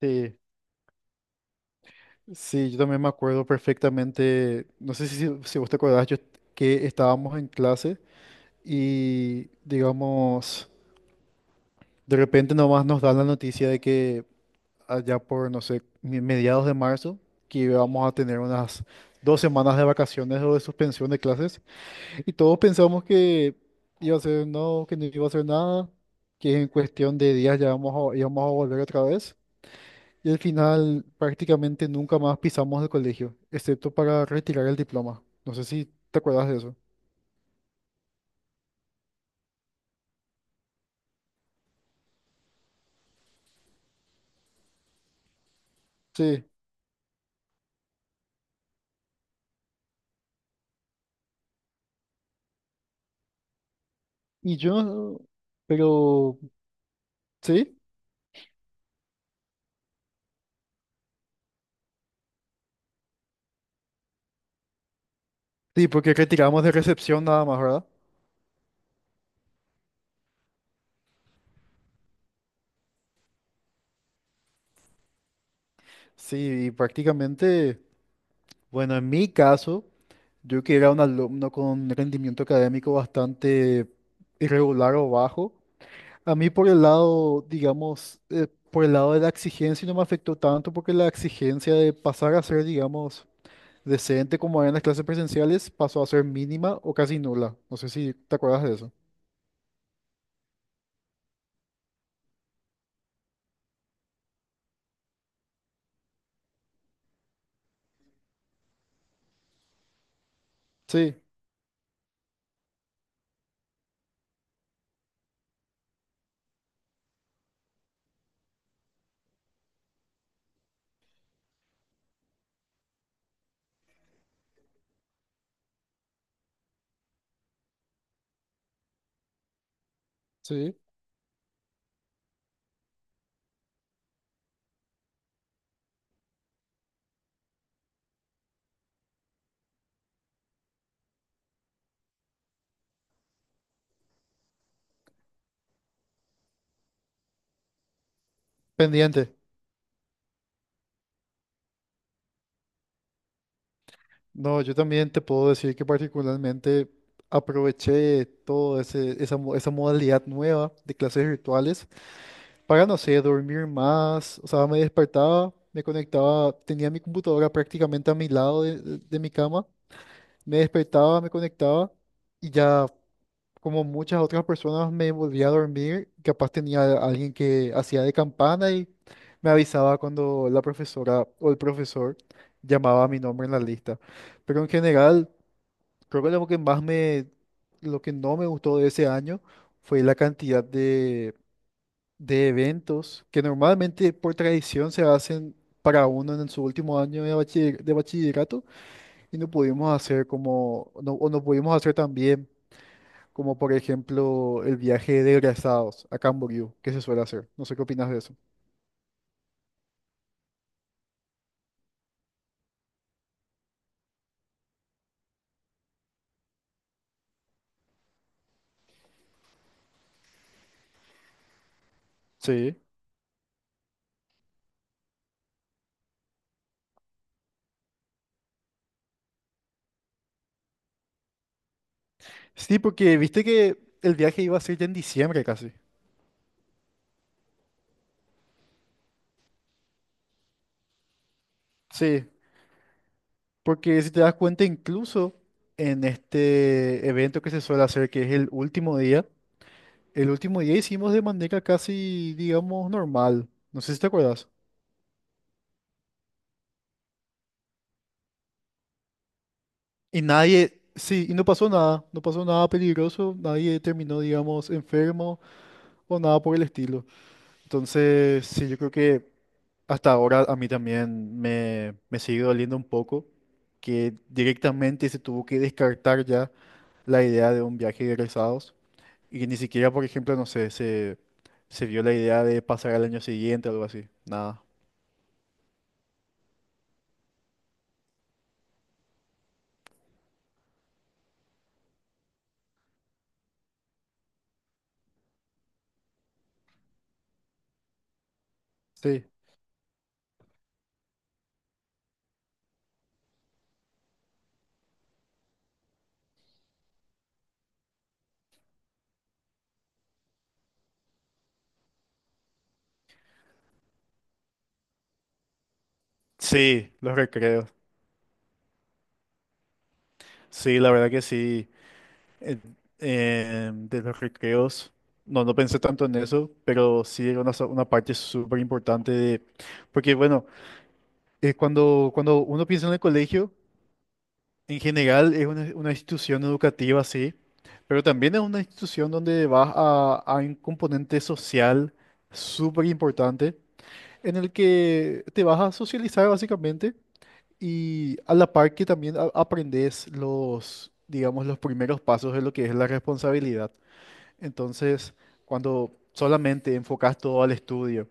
Sí, sí, yo también me acuerdo perfectamente, no sé si vos te acordás, yo, que estábamos en clase y, digamos, de repente nomás nos dan la noticia de que allá por, no sé, mediados de marzo, que íbamos a tener unas 2 semanas de vacaciones o de suspensión de clases y todos pensamos que iba a ser no, que no iba a ser nada, que en cuestión de días ya íbamos a volver otra vez. Y al final prácticamente nunca más pisamos el colegio, excepto para retirar el diploma. No sé si te acuerdas de eso. Sí. Y yo, pero, ¿sí? Sí, porque retiramos de recepción nada más, ¿verdad? Sí, y prácticamente, bueno, en mi caso, yo que era un alumno con rendimiento académico bastante irregular o bajo, a mí por el lado, digamos, por el lado de la exigencia no me afectó tanto porque la exigencia de pasar a ser, digamos, decente como había en las clases presenciales pasó a ser mínima o casi nula. No sé si te acuerdas de eso. Sí, sí. Pendiente. No, yo también te puedo decir que particularmente aproveché todo ese, esa, mo- esa modalidad nueva de clases virtuales para, no sé, dormir más. O sea, me despertaba, me conectaba, tenía mi computadora prácticamente a mi lado de mi cama, me despertaba, me conectaba y ya como muchas otras personas me volvía a dormir, capaz tenía a alguien que hacía de campana y me avisaba cuando la profesora o el profesor llamaba mi nombre en la lista. Pero en general, creo que lo que no me gustó de ese año fue la cantidad de eventos que normalmente por tradición se hacen para uno en su último año de bachillerato y no pudimos hacer como, no, o no pudimos hacer también como por ejemplo el viaje de egresados a Camboriú, que se suele hacer. No sé qué opinas de eso. Sí, sí, porque viste que el viaje iba a ser ya en diciembre casi. Sí, porque si te das cuenta, incluso en este evento que se suele hacer, que es el último día hicimos de manera casi, digamos, normal. No sé si te acuerdas. Y nadie, sí, y no pasó nada, no pasó nada peligroso, nadie terminó, digamos, enfermo o nada por el estilo. Entonces, sí, yo creo que hasta ahora a mí también me sigue doliendo un poco que directamente se tuvo que descartar ya la idea de un viaje de egresados y ni siquiera, por ejemplo, no sé, se vio la idea de pasar al año siguiente o algo así. Nada. Sí. Sí, los recreos. Sí, la verdad que sí. Eh, de los recreos, no pensé tanto en eso, pero sí era una parte súper importante de... Porque bueno... cuando uno piensa en el colegio, en general es una institución educativa, sí, pero también es una institución donde vas a un componente social súper importante, en el que te vas a socializar básicamente y a la par que también aprendes los, digamos, los primeros pasos de lo que es la responsabilidad. Entonces, cuando solamente enfocas todo al estudio,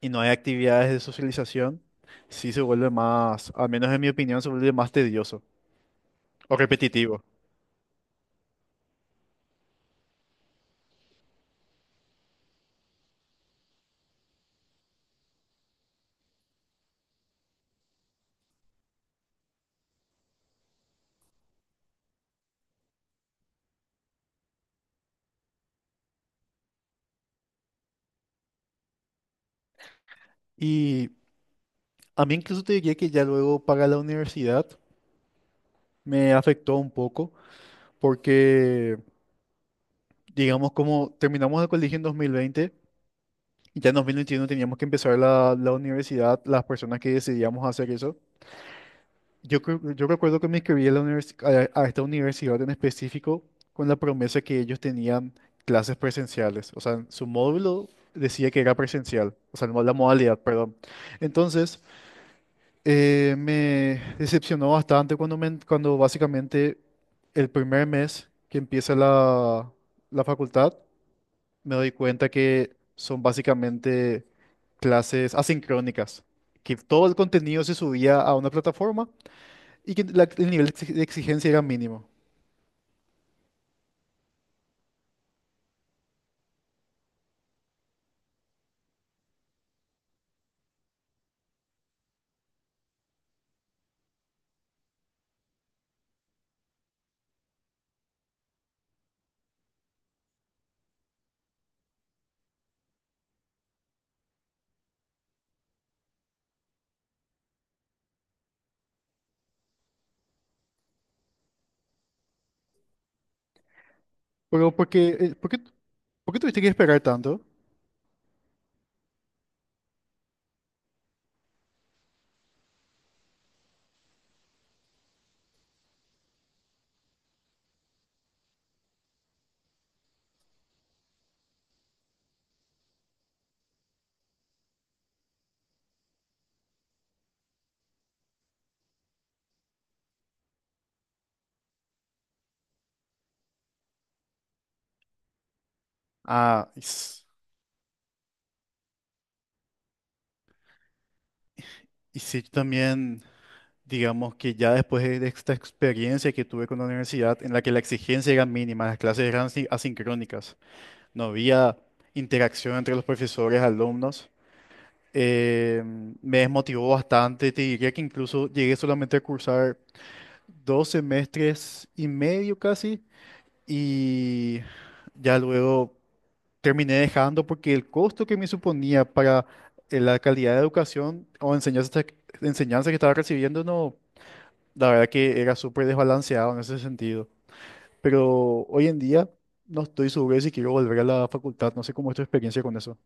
y no hay actividades de socialización, sí se vuelve más, al menos en mi opinión, se vuelve más tedioso o repetitivo. Y a mí incluso te diría que ya luego para la universidad me afectó un poco porque, digamos, como terminamos el colegio en 2020, ya en 2021 teníamos que empezar la universidad, las personas que decidíamos hacer eso. Yo recuerdo que me inscribí a, a esta universidad en específico con la promesa que ellos tenían clases presenciales. O sea, su módulo decía que era presencial, o sea, la modalidad, perdón. Entonces, me decepcionó bastante cuando básicamente el primer mes que empieza la facultad, me doy cuenta que son básicamente clases asincrónicas, que todo el contenido se subía a una plataforma y que la- el nivel de exig- de exigencia era mínimo. Pero ¿ por qué tuviste que esperar tanto? Ah, y, s- y sí, yo también, digamos que ya después de esta experiencia que tuve con la universidad, en la que la exigencia era mínima, las clases eran asincrónicas, no había interacción entre los profesores, alumnos, eh, me desmotivó bastante, te diría que incluso llegué solamente a cursar 2 semestres y medio casi. Y ya luego terminé dejando porque el costo que me suponía para la calidad de educación o enseñanza que estaba recibiendo, no, la verdad que era súper desbalanceado en ese sentido. Pero hoy en día no estoy seguro de si quiero volver a la facultad, no sé cómo es tu experiencia con eso.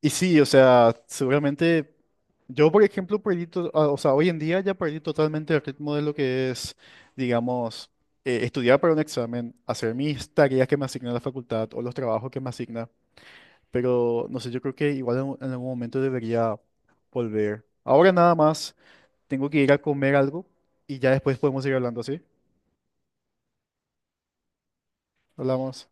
Y sí, o sea, seguramente yo, por ejemplo, o sea, hoy en día ya perdí totalmente el ritmo de lo que es, digamos, estudiar para un examen, hacer mis tareas que me asigna la facultad o los trabajos que me asigna. Pero no sé, yo creo que igual en algún momento debería volver. Ahora nada más, tengo que ir a comer algo y ya después podemos ir hablando, ¿sí? Hablamos.